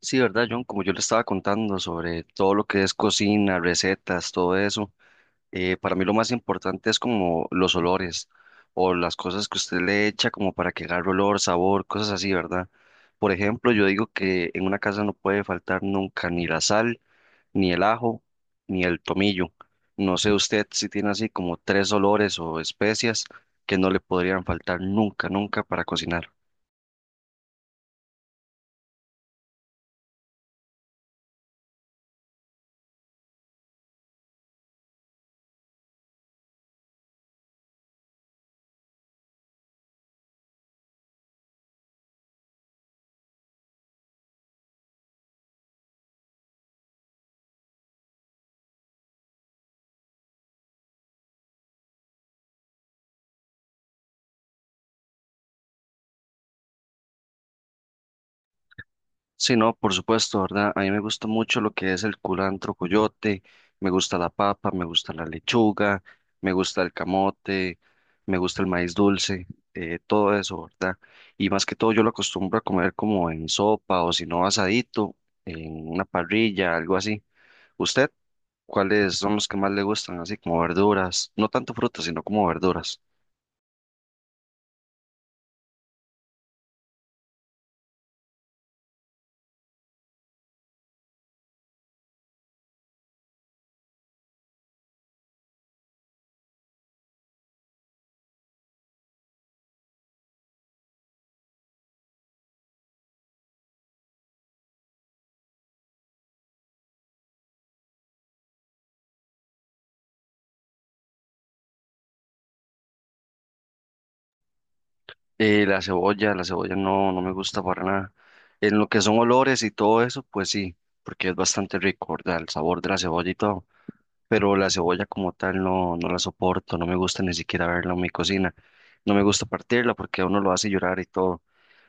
Sí, ¿verdad, John? Como yo le estaba contando sobre todo lo que es cocina, recetas, todo eso, para mí lo más importante es como los olores o las cosas que usted le echa como para que agarre olor, sabor, cosas así, ¿verdad? Por ejemplo, yo digo que en una casa no puede faltar nunca ni la sal, ni el ajo, ni el tomillo. No sé usted si tiene así como tres olores o especias que no le podrían faltar nunca, nunca para cocinar. Sí, no, por supuesto, ¿verdad? A mí me gusta mucho lo que es el culantro coyote, me gusta la papa, me gusta la lechuga, me gusta el camote, me gusta el maíz dulce, todo eso, ¿verdad? Y más que todo yo lo acostumbro a comer como en sopa o si no asadito, en una parrilla, algo así. ¿Usted cuáles son los que más le gustan? Así como verduras, no tanto frutas, sino como verduras. La cebolla, la cebolla no, no me gusta para nada. En lo que son olores y todo eso, pues sí, porque es bastante rico, ¿verdad? El sabor de la cebolla y todo. Pero la cebolla como tal no, no la soporto, no me gusta ni siquiera verla en mi cocina. No me gusta partirla porque a uno lo hace llorar y todo.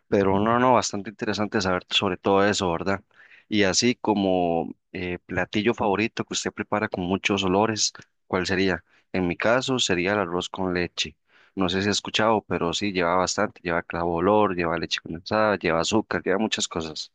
Pero no, no, bastante interesante saber sobre todo eso, ¿verdad? Y así como platillo favorito que usted prepara con muchos olores, ¿cuál sería? En mi caso sería el arroz con leche. No sé si ha escuchado, pero sí lleva bastante, lleva clavo de olor, lleva leche condensada, lleva azúcar, lleva muchas cosas.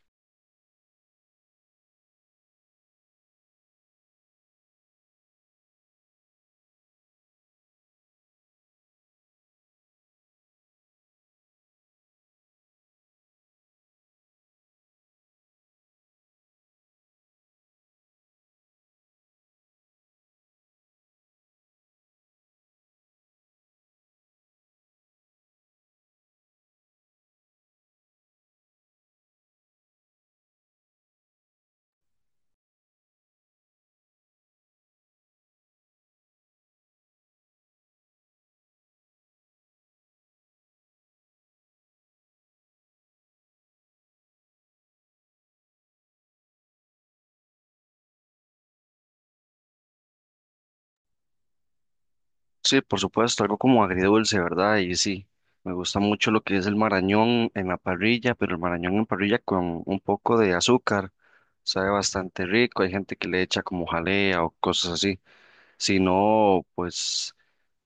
Sí, por supuesto, algo como agridulce, ¿verdad? Y sí, me gusta mucho lo que es el marañón en la parrilla, pero el marañón en parrilla con un poco de azúcar, sabe bastante rico, hay gente que le echa como jalea o cosas así. Si no, pues,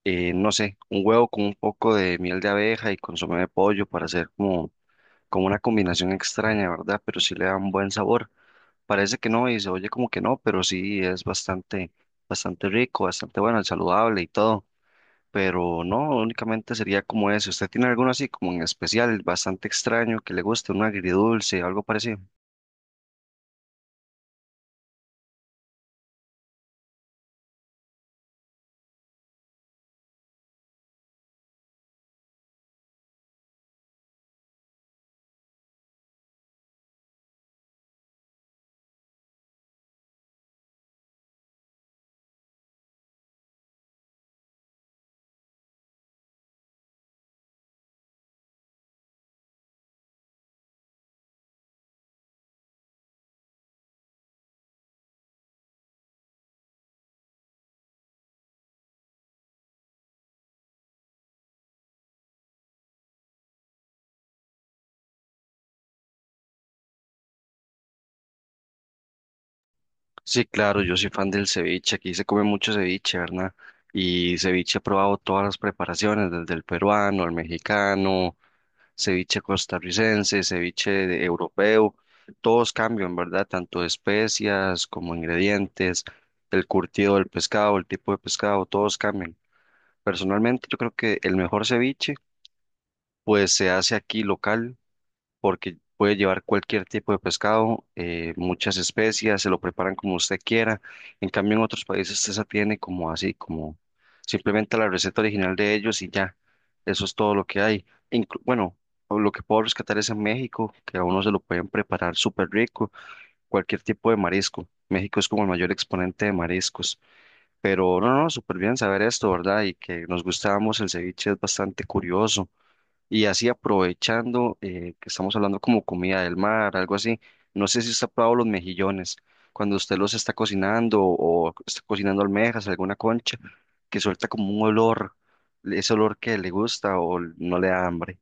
no sé, un huevo con un poco de miel de abeja y consomé de pollo para hacer como, como una combinación extraña, ¿verdad? Pero sí le da un buen sabor. Parece que no y se oye como que no, pero sí es bastante, bastante rico, bastante bueno, saludable y todo. Pero no, únicamente sería como eso. ¿Usted tiene alguno así como en especial, bastante extraño, que le guste, un agridulce, algo parecido? Sí, claro, yo soy fan del ceviche, aquí se come mucho ceviche, ¿verdad? Y ceviche he probado todas las preparaciones, desde el peruano, el mexicano, ceviche costarricense, europeo, todos cambian, ¿verdad? Tanto de especias como ingredientes, el curtido del pescado, el tipo de pescado, todos cambian. Personalmente yo creo que el mejor ceviche pues se hace aquí local porque puede llevar cualquier tipo de pescado, muchas especias, se lo preparan como usted quiera. En cambio, en otros países usted se tiene como así, como simplemente la receta original de ellos y ya, eso es todo lo que hay. Bueno, lo que puedo rescatar es en México, que a uno se lo pueden preparar súper rico, cualquier tipo de marisco. México es como el mayor exponente de mariscos. Pero no, no, súper bien saber esto, ¿verdad? Y que nos gustamos, el ceviche es bastante curioso. Y así aprovechando que estamos hablando como comida del mar, algo así, no sé si usted ha probado los mejillones, cuando usted los está cocinando o está cocinando almejas, alguna concha, que suelta como un olor, ese olor que le gusta o no le da hambre.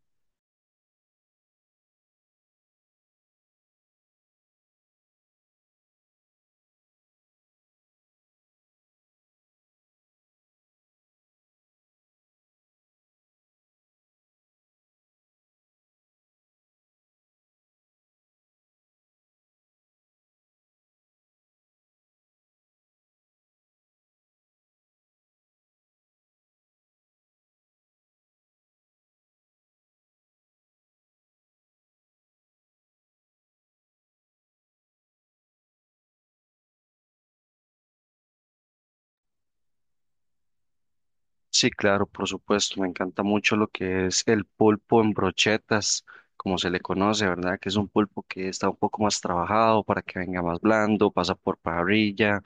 Sí, claro, por supuesto. Me encanta mucho lo que es el pulpo en brochetas, como se le conoce, ¿verdad? Que es un pulpo que está un poco más trabajado para que venga más blando, pasa por parrilla,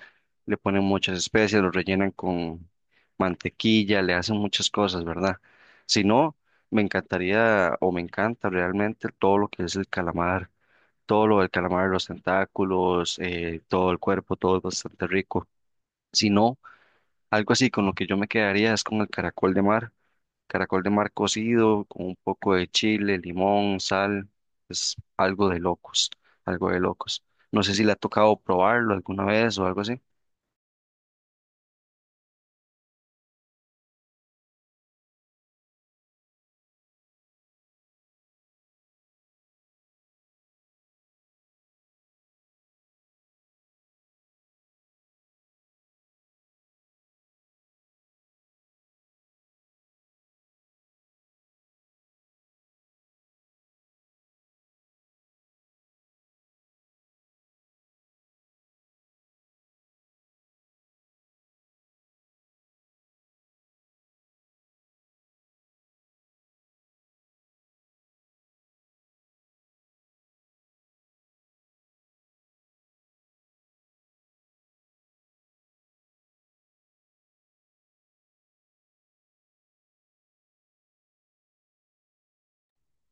le ponen muchas especias, lo rellenan con mantequilla, le hacen muchas cosas, ¿verdad? Si no, me encantaría o me encanta realmente todo lo que es el calamar, todo lo del calamar, los tentáculos, todo el cuerpo, todo es bastante rico. Si no, algo así con lo que yo me quedaría es con el caracol de mar. Caracol de mar cocido, con un poco de chile, limón, sal, es algo de locos, algo de locos. No sé si le ha tocado probarlo alguna vez o algo así.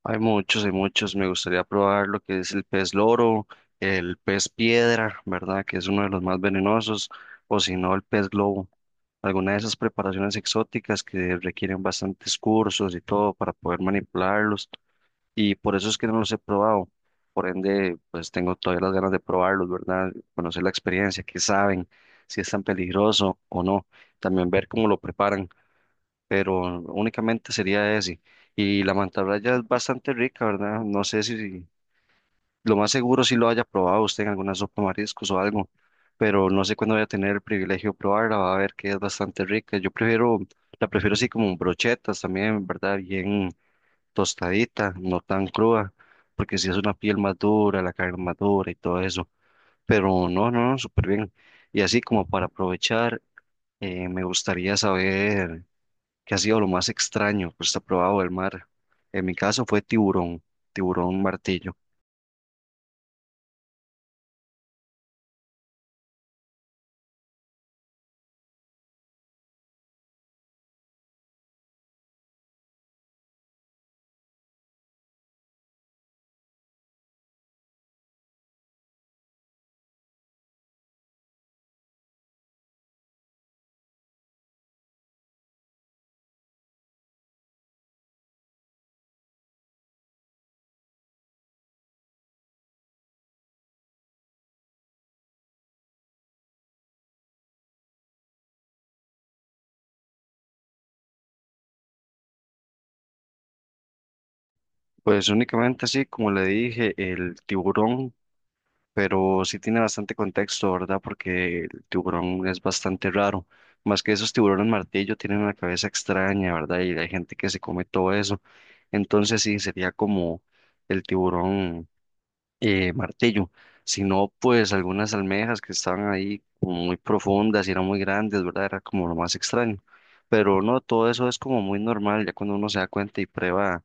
Hay muchos, hay muchos. Me gustaría probar lo que es el pez loro, el pez piedra, ¿verdad? Que es uno de los más venenosos, o si no, el pez globo. Alguna de esas preparaciones exóticas que requieren bastantes cursos y todo para poder manipularlos y por eso es que no los he probado. Por ende, pues tengo todavía las ganas de probarlos, ¿verdad? Conocer la experiencia, qué saben, si es tan peligroso o no. También ver cómo lo preparan, pero únicamente sería ese. Y la mantarraya es bastante rica, ¿verdad? No sé si, lo más seguro si lo haya probado usted en alguna sopa de mariscos o algo, pero no sé cuándo voy a tener el privilegio de probarla, va a ver que es bastante rica. Yo prefiero, la prefiero así como brochetas también, ¿verdad? Bien tostadita, no tan cruda, porque si es una piel más dura, la carne más dura y todo eso. Pero no, no, no, súper bien. Y así como para aprovechar, me gustaría saber qué ha sido lo más extraño que usted ha probado del mar. En mi caso fue tiburón, tiburón martillo. Pues únicamente así, como le dije, el tiburón. Pero sí tiene bastante contexto, ¿verdad? Porque el tiburón es bastante raro. Más que esos tiburones martillo tienen una cabeza extraña, ¿verdad? Y hay gente que se come todo eso. Entonces sí, sería como el tiburón martillo. Si no, pues algunas almejas que estaban ahí como muy profundas y eran muy grandes, ¿verdad? Era como lo más extraño. Pero no, todo eso es como muy normal ya cuando uno se da cuenta y prueba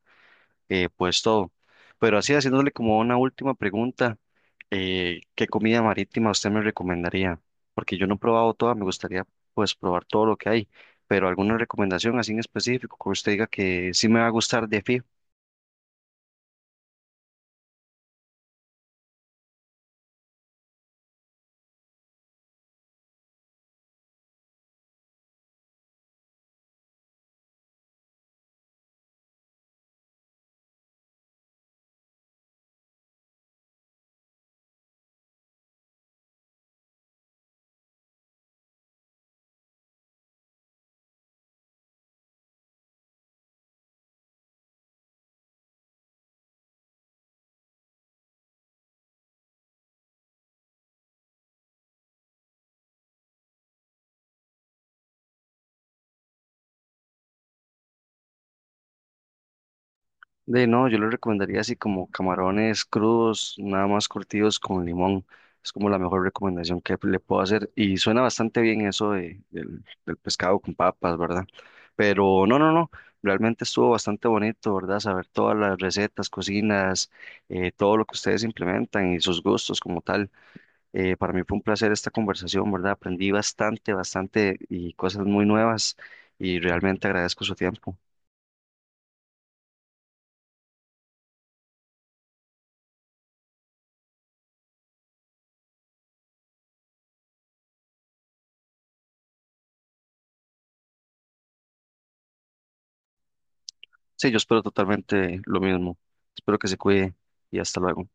pues todo. Pero así haciéndole como una última pregunta, ¿qué comida marítima usted me recomendaría? Porque yo no he probado toda, me gustaría pues probar todo lo que hay, pero alguna recomendación así en específico que usted diga que sí me va a gustar de fijo. De no, yo le recomendaría así como camarones crudos, nada más curtidos con limón. Es como la mejor recomendación que le puedo hacer. Y suena bastante bien eso de, del, del pescado con papas, ¿verdad? Pero no, no, no. Realmente estuvo bastante bonito, ¿verdad? Saber todas las recetas, cocinas, todo lo que ustedes implementan y sus gustos como tal. Para mí fue un placer esta conversación, ¿verdad? Aprendí bastante, bastante y cosas muy nuevas y realmente agradezco su tiempo. Sí, yo espero totalmente lo mismo. Espero que se cuide y hasta luego.